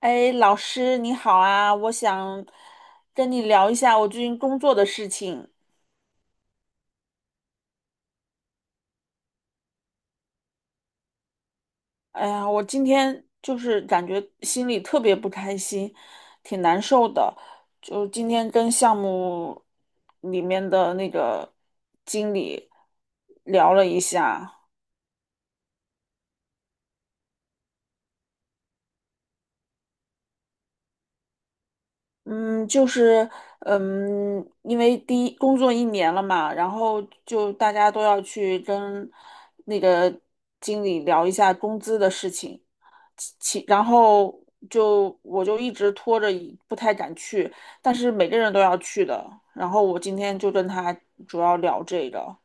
哎，老师你好啊，我想跟你聊一下我最近工作的事情。哎呀，我今天就是感觉心里特别不开心，挺难受的。就今天跟项目里面的那个经理聊了一下，嗯，就是，因为第一工作一年了嘛，然后就大家都要去跟那个经理聊一下工资的事情，然后就我就一直拖着一不太敢去，但是每个人都要去的，然后我今天就跟他主要聊这个。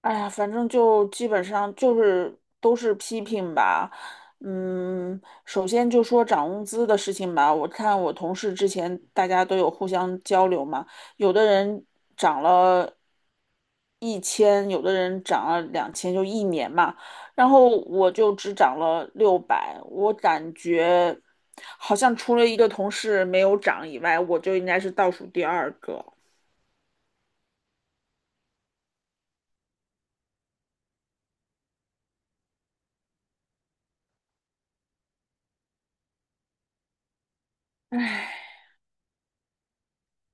哎呀，反正就基本上就是都是批评吧。首先就说涨工资的事情吧。我看我同事之前大家都有互相交流嘛，有的人涨了1000，有的人涨了2000，就一年嘛。然后我就只涨了600，我感觉好像除了一个同事没有涨以外，我就应该是倒数第二个。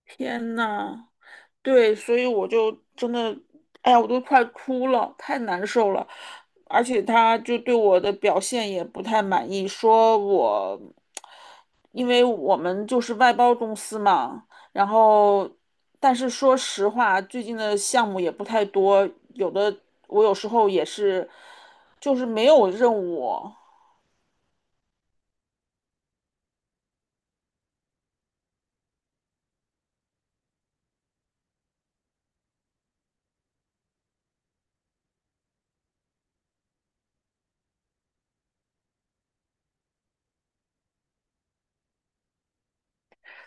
天呐！对，所以我就真的，哎呀，我都快哭了，太难受了。而且他就对我的表现也不太满意，说我，因为我们就是外包公司嘛，然后，但是说实话，最近的项目也不太多，有的我有时候也是，就是没有任务，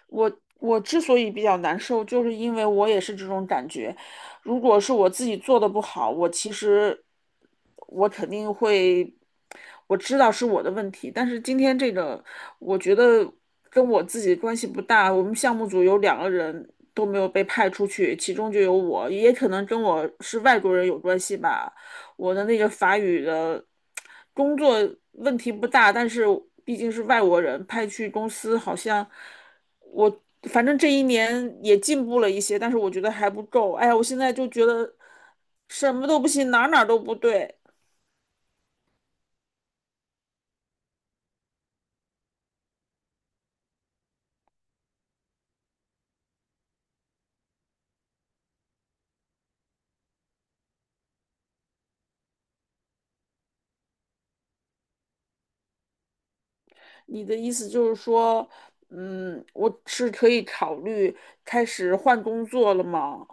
我我之所以比较难受，就是因为我也是这种感觉。如果是我自己做的不好，我其实我肯定会，我知道是我的问题。但是今天这个，我觉得跟我自己关系不大。我们项目组有两个人都没有被派出去，其中就有我，也可能跟我是外国人有关系吧。我的那个法语的工作问题不大，但是毕竟是外国人派去公司，好像我反正这一年也进步了一些，但是我觉得还不够。哎呀，我现在就觉得什么都不行，哪哪都不对。你的意思就是说，我是可以考虑开始换工作了吗？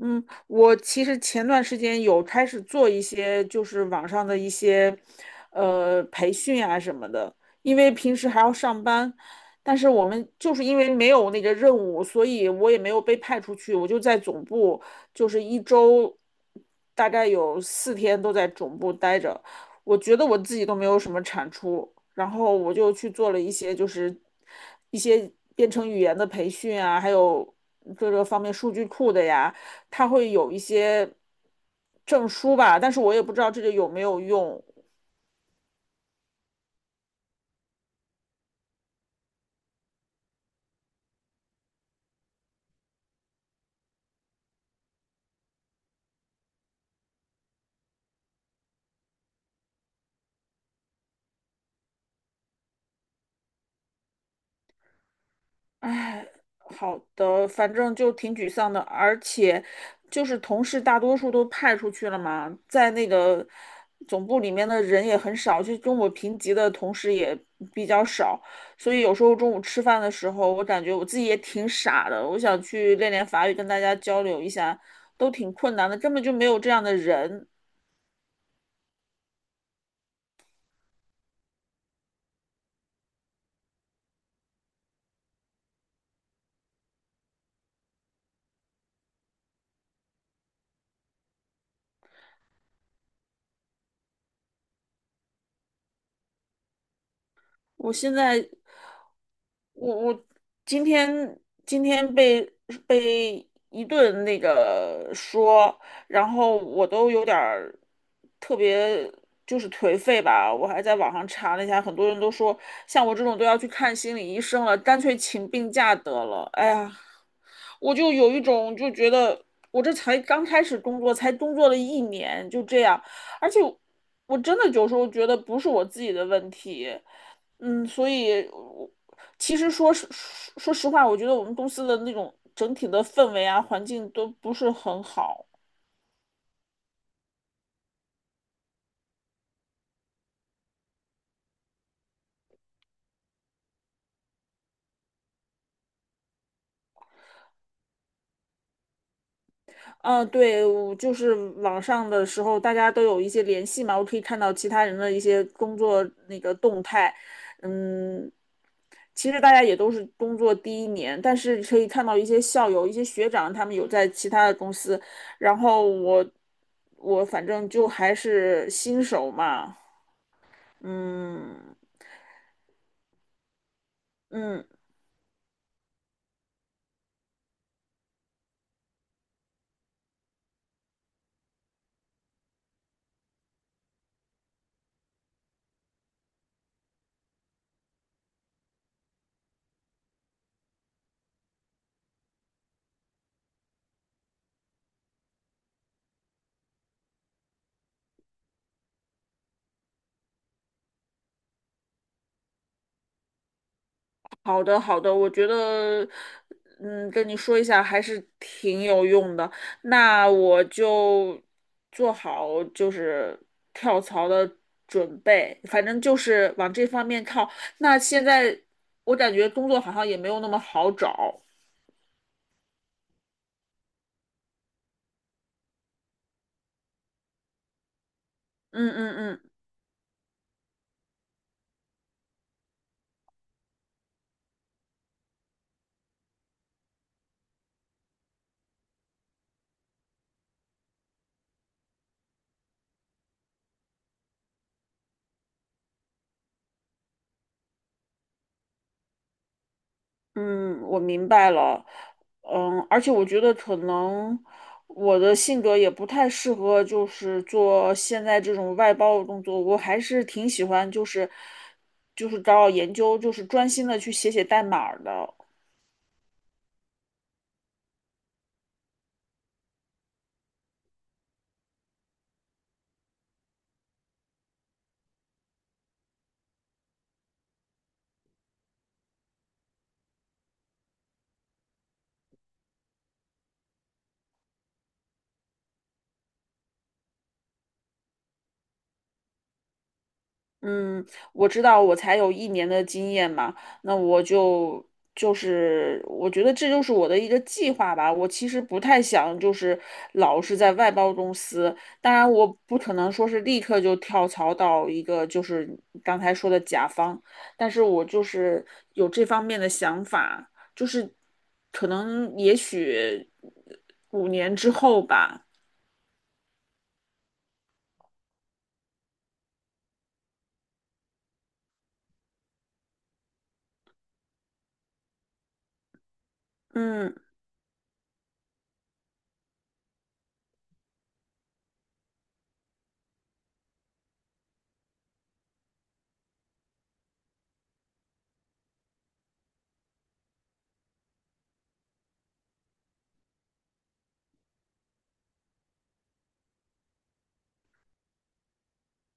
嗯，我其实前段时间有开始做一些，就是网上的一些，培训啊什么的，因为平时还要上班，但是我们就是因为没有那个任务，所以我也没有被派出去，我就在总部，就是一周大概有4天都在总部待着，我觉得我自己都没有什么产出，然后我就去做了一些就是一些编程语言的培训啊，还有各个方面数据库的呀。他会有一些证书吧，但是我也不知道这个有没有用。唉，好的，反正就挺沮丧的，而且就是同事大多数都派出去了嘛，在那个总部里面的人也很少，就跟我平级的同事也比较少，所以有时候中午吃饭的时候，我感觉我自己也挺傻的，我想去练练法语，跟大家交流一下，都挺困难的，根本就没有这样的人。我现在，我今天今天被一顿那个说，然后我都有点儿特别就是颓废吧。我还在网上查了一下，很多人都说像我这种都要去看心理医生了，干脆请病假得了。哎呀，我就有一种就觉得我这才刚开始工作，才工作了一年就这样，而且我真的有时候觉得不是我自己的问题。所以我其实说实话，我觉得我们公司的那种整体的氛围啊，环境都不是很好。嗯，对，我就是网上的时候，大家都有一些联系嘛，我可以看到其他人的一些工作那个动态。嗯，其实大家也都是工作第一年，但是可以看到一些校友、一些学长，他们有在其他的公司，然后我反正就还是新手嘛，嗯。嗯，好的，好的，我觉得，跟你说一下还是挺有用的。那我就做好就是跳槽的准备，反正就是往这方面靠。那现在我感觉工作好像也没有那么好找。嗯嗯嗯。嗯，我明白了。嗯，而且我觉得可能我的性格也不太适合，就是做现在这种外包的工作。我还是挺喜欢，就是找找研究，就是专心的去写写代码儿的。嗯，我知道，我才有一年的经验嘛，那我就是，我觉得这就是我的一个计划吧。我其实不太想就是老是在外包公司，当然我不可能说是立刻就跳槽到一个就是刚才说的甲方，但是我就是有这方面的想法，就是可能也许5年之后吧，嗯。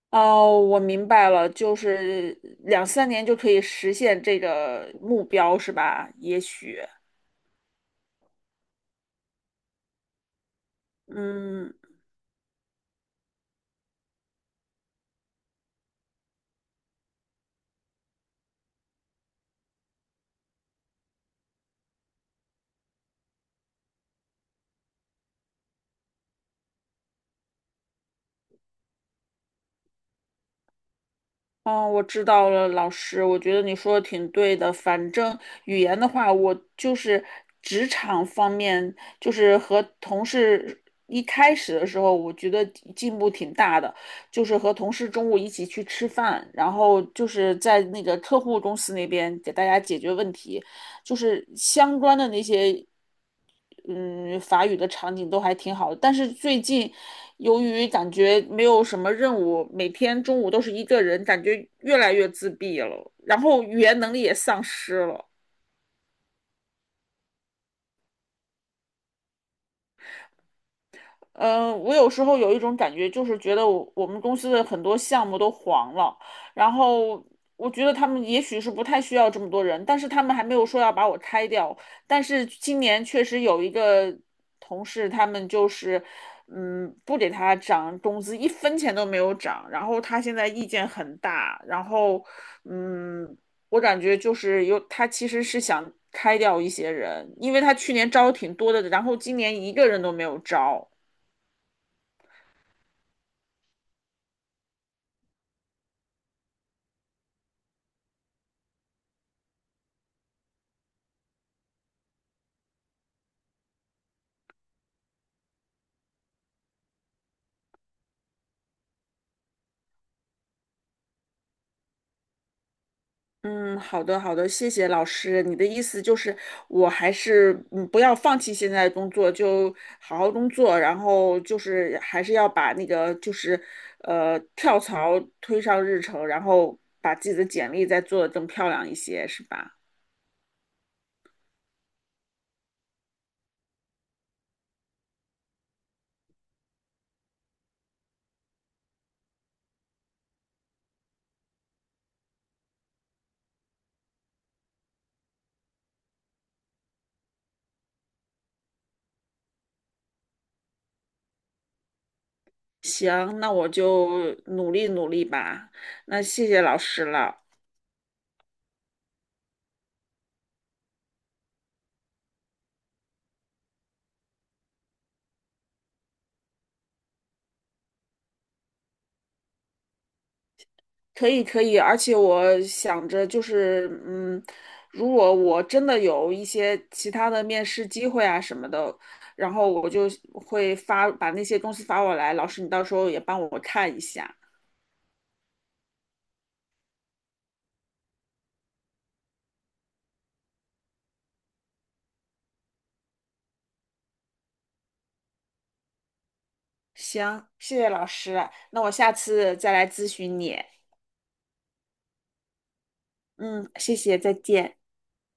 哦，我明白了，就是2-3年就可以实现这个目标，是吧？也许，嗯，哦，我知道了，老师，我觉得你说的挺对的。反正语言的话，我就是职场方面，就是和同事一开始的时候，我觉得进步挺大的，就是和同事中午一起去吃饭，然后就是在那个客户公司那边给大家解决问题。就是相关的那些嗯，法语的场景都还挺好的。但是最近由于感觉没有什么任务，每天中午都是一个人，感觉越来越自闭了，然后语言能力也丧失了。嗯，我有时候有一种感觉，就是觉得我们公司的很多项目都黄了，然后我觉得他们也许是不太需要这么多人，但是他们还没有说要把我开掉。但是今年确实有一个同事，他们就是，不给他涨工资，一分钱都没有涨，然后他现在意见很大，然后，嗯，我感觉就是有，他其实是想开掉一些人，因为他去年招挺多的，然后今年一个人都没有招。嗯，好的，好的，谢谢老师。你的意思就是，我还是不要放弃现在的工作，就好好工作，然后就是还是要把那个就是跳槽推上日程，然后把自己的简历再做的更漂亮一些，是吧？行，那我就努力努力吧。那谢谢老师了。可以可以，而且我想着就是，如果我真的有一些其他的面试机会啊什么的，然后我就会发，把那些东西发过来，老师你到时候也帮我看一下。行，谢谢老师，那我下次再来咨询你。嗯，谢谢，再见。